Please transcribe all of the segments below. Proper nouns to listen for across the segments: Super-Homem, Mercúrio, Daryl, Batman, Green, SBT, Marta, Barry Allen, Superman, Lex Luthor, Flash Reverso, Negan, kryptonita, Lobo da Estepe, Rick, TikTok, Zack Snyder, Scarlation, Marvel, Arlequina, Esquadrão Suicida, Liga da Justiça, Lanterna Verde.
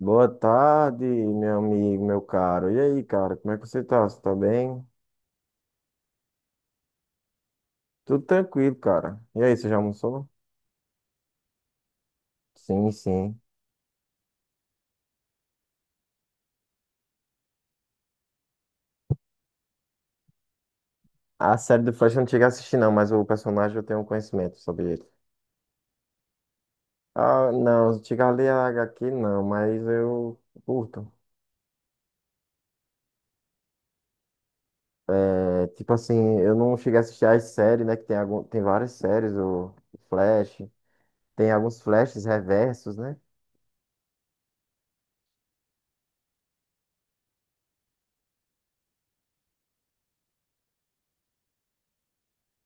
Boa tarde, meu amigo, meu caro. E aí, cara, como é que você tá? Você tá bem? Tudo tranquilo, cara. E aí, você já almoçou? Sim, sim. A série do Flash eu não cheguei a assistir, não, mas o personagem eu tenho conhecimento sobre ele. Ah, não, cheguei a ler a HQ, não, mas eu curto. É, tipo assim, eu não cheguei a assistir as séries, né? Que tem, algum, tem várias séries, o Flash. Tem alguns Flashes reversos, né?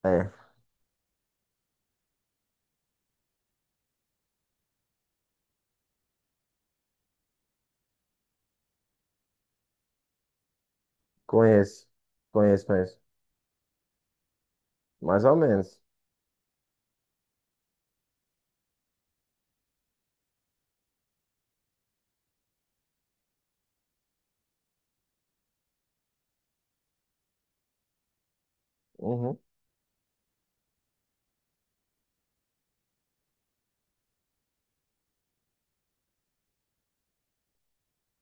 É, conheço. Conheço, conheço. Mais ou menos. Uhum.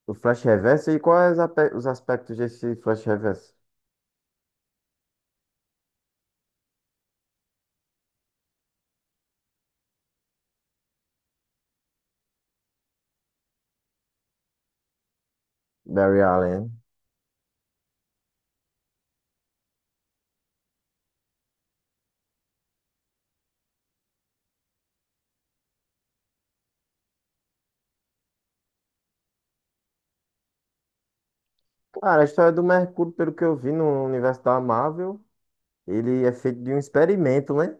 O Flash Reverso e quais os aspectos desse Flash Reverso? Barry Allen. Cara, a história do Mercúrio, pelo que eu vi no universo da Marvel, ele é feito de um experimento, né?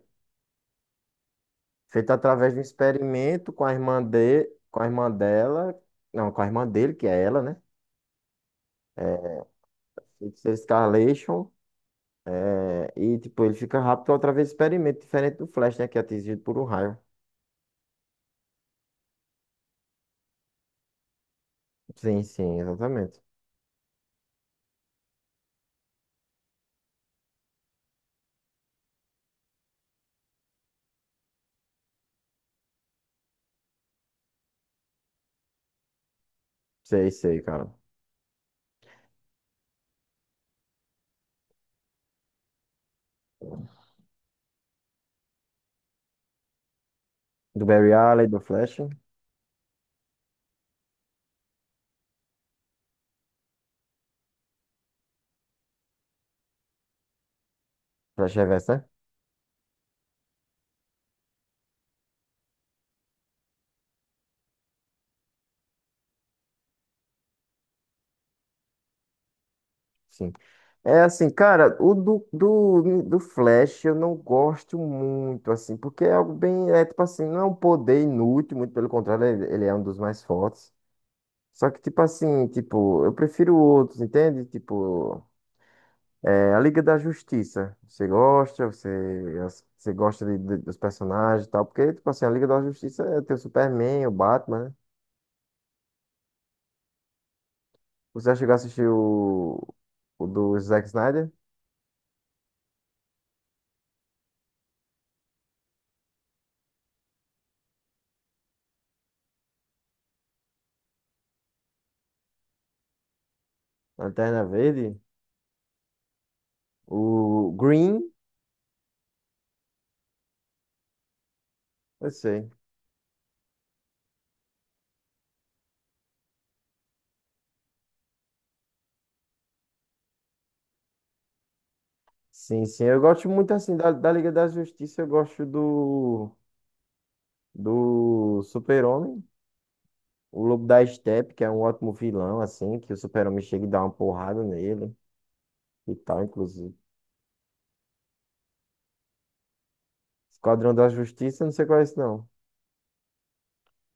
Feito através de um experimento com a irmã de, com a irmã dela, não, com a irmã dele, que é ela, né? Feito ser Scarlation, é, e tipo, ele fica rápido através do experimento, diferente do Flash, né? Que é atingido por um raio. Sim, sim, exatamente. Sei, sei, cara. Do Barry Allen, do Flash. Flash Reverso, né? Sim. É assim, cara, o do Flash eu não gosto muito, assim, porque é algo bem, é tipo assim, não é um poder inútil, muito pelo contrário, ele é um dos mais fortes. Só que, tipo assim, tipo, eu prefiro outros, entende? Tipo, é a Liga da Justiça. Você gosta, você, você gosta dos personagens e tal, porque, tipo assim, a Liga da Justiça é, tem o Superman, o Batman, né? Você já chegou a assistir o do Zack Snyder, Lanterna Verde, o Green. Eu sei. Sim, sim. Eu gosto muito assim da Liga da Justiça. Eu gosto do, do Super-Homem, o Lobo da Estepe, que é um ótimo vilão, assim, que o Super-Homem chega e dá uma porrada nele e tal, inclusive. Esquadrão da Justiça, não sei qual é esse, não.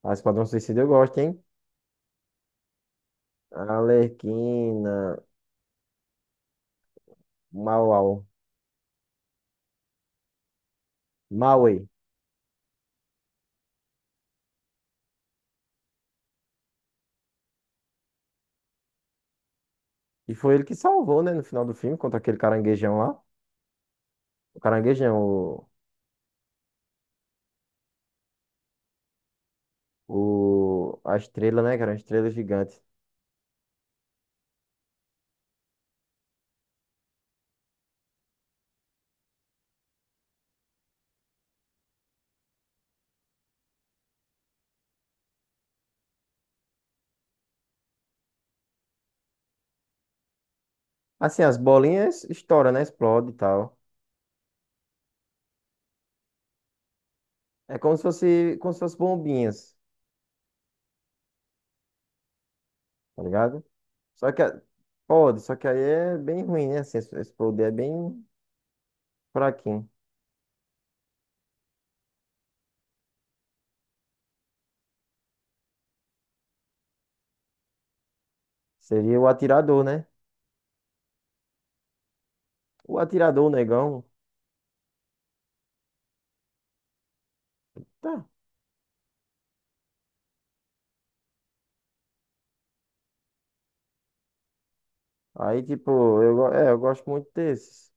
Ah, Esquadrão Suicida eu gosto, hein? Arlequina, Mauau, Maui. E foi ele que salvou, né, no final do filme, contra aquele caranguejão lá. O caranguejão, o, a estrela, né, que era uma estrela gigante. Assim, as bolinhas estouram, né? Explode e tal. É como se fosse bombinhas, tá ligado? Só que pode, só que aí é bem ruim, né? Assim, esse poder é bem fraquinho. Seria o atirador, né? O atirador, o negão. Tá. Aí, tipo, eu, é, eu gosto muito desses.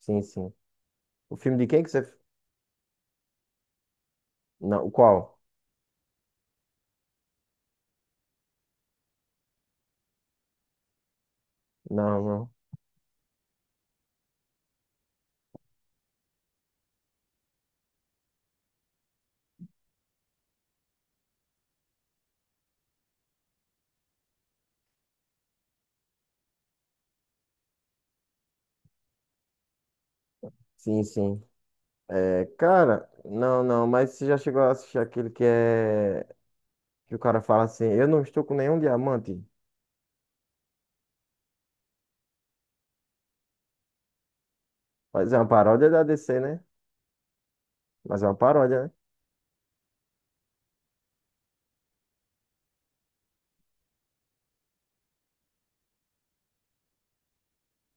Sim, sim. O filme de quem que você. Não, o qual? Não, não. Sim, sim. É, cara, não, não, mas você já chegou a assistir aquele que é. Que o cara fala assim: eu não estou com nenhum diamante. Mas é uma paródia da DC, né? Mas é uma paródia, né?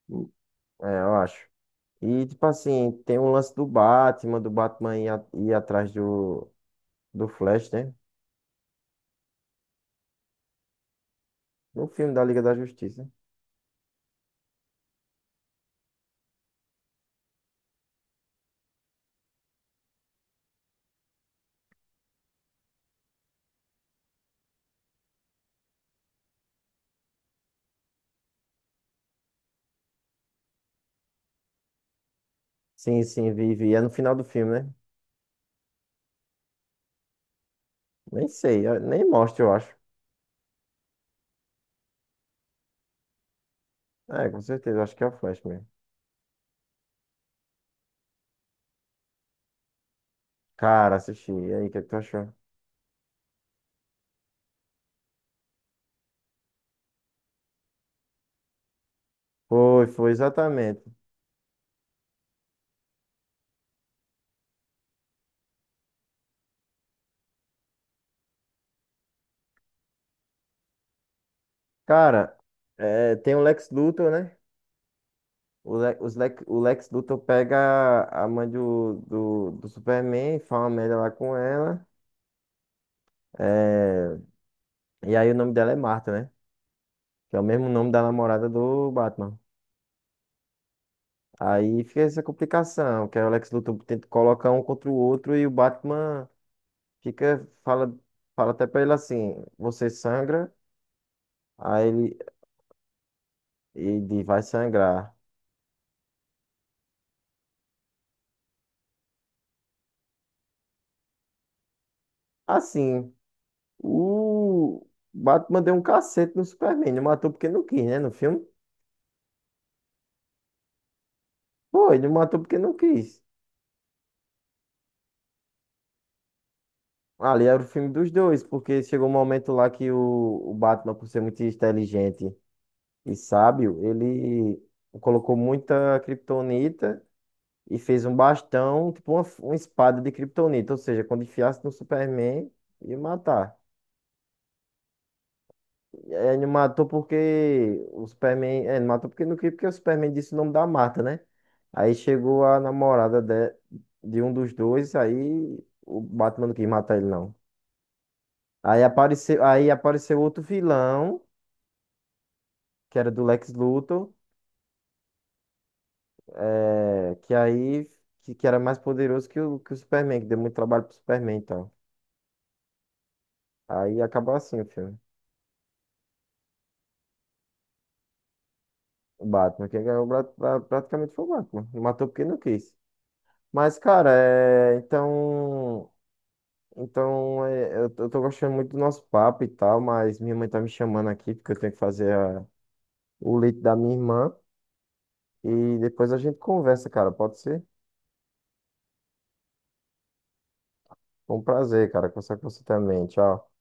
Hum, é, eu acho. E, tipo assim, tem o lance do Batman ir, ir atrás do, do Flash, né? No filme da Liga da Justiça. Sim, sim, vi, vi. É no final do filme, né? Nem sei, nem mostra, eu acho. É, com certeza, eu acho que é o Flash mesmo. Cara, assisti. E aí, o que, é que tu achou? Foi, foi, exatamente. Cara, é, tem o Lex Luthor, né? O Lex Luthor pega a mãe do Superman, e fala uma merda lá com ela. É, e aí o nome dela é Marta, né? Que é o mesmo nome da namorada do Batman. Aí fica essa complicação, que aí o Lex Luthor tenta colocar um contra o outro e o Batman fica, fala até pra ele assim, você sangra, aí ele vai sangrar. Assim, o Batman deu um cacete no Superman, não matou porque não quis, né, no filme. Pô, ele matou porque não quis. Ali era o filme dos dois, porque chegou um momento lá que o Batman, por ser muito inteligente e sábio, ele colocou muita kryptonita e fez um bastão, tipo uma espada de kryptonita. Ou seja, quando enfiasse no Superman, ia matar. E aí ele matou porque o Superman. É, ele matou porque não queria, porque o Superman disse o nome da mata, né? Aí chegou a namorada de um dos dois, aí o Batman não quis matar ele, não. Aí apareceu outro vilão, que era do Lex Luthor, que aí que era mais poderoso que o Superman, que deu muito trabalho pro Superman, então. Aí acabou assim o filme. O Batman, quem ganhou praticamente foi o Batman. Matou porque não quis. Mas, cara, é, então. Então, é, eu tô gostando muito do nosso papo e tal, mas minha mãe tá me chamando aqui porque eu tenho que fazer o leite da minha irmã. E depois a gente conversa, cara. Pode ser? Foi um prazer, cara, conversar com você também. Tchau.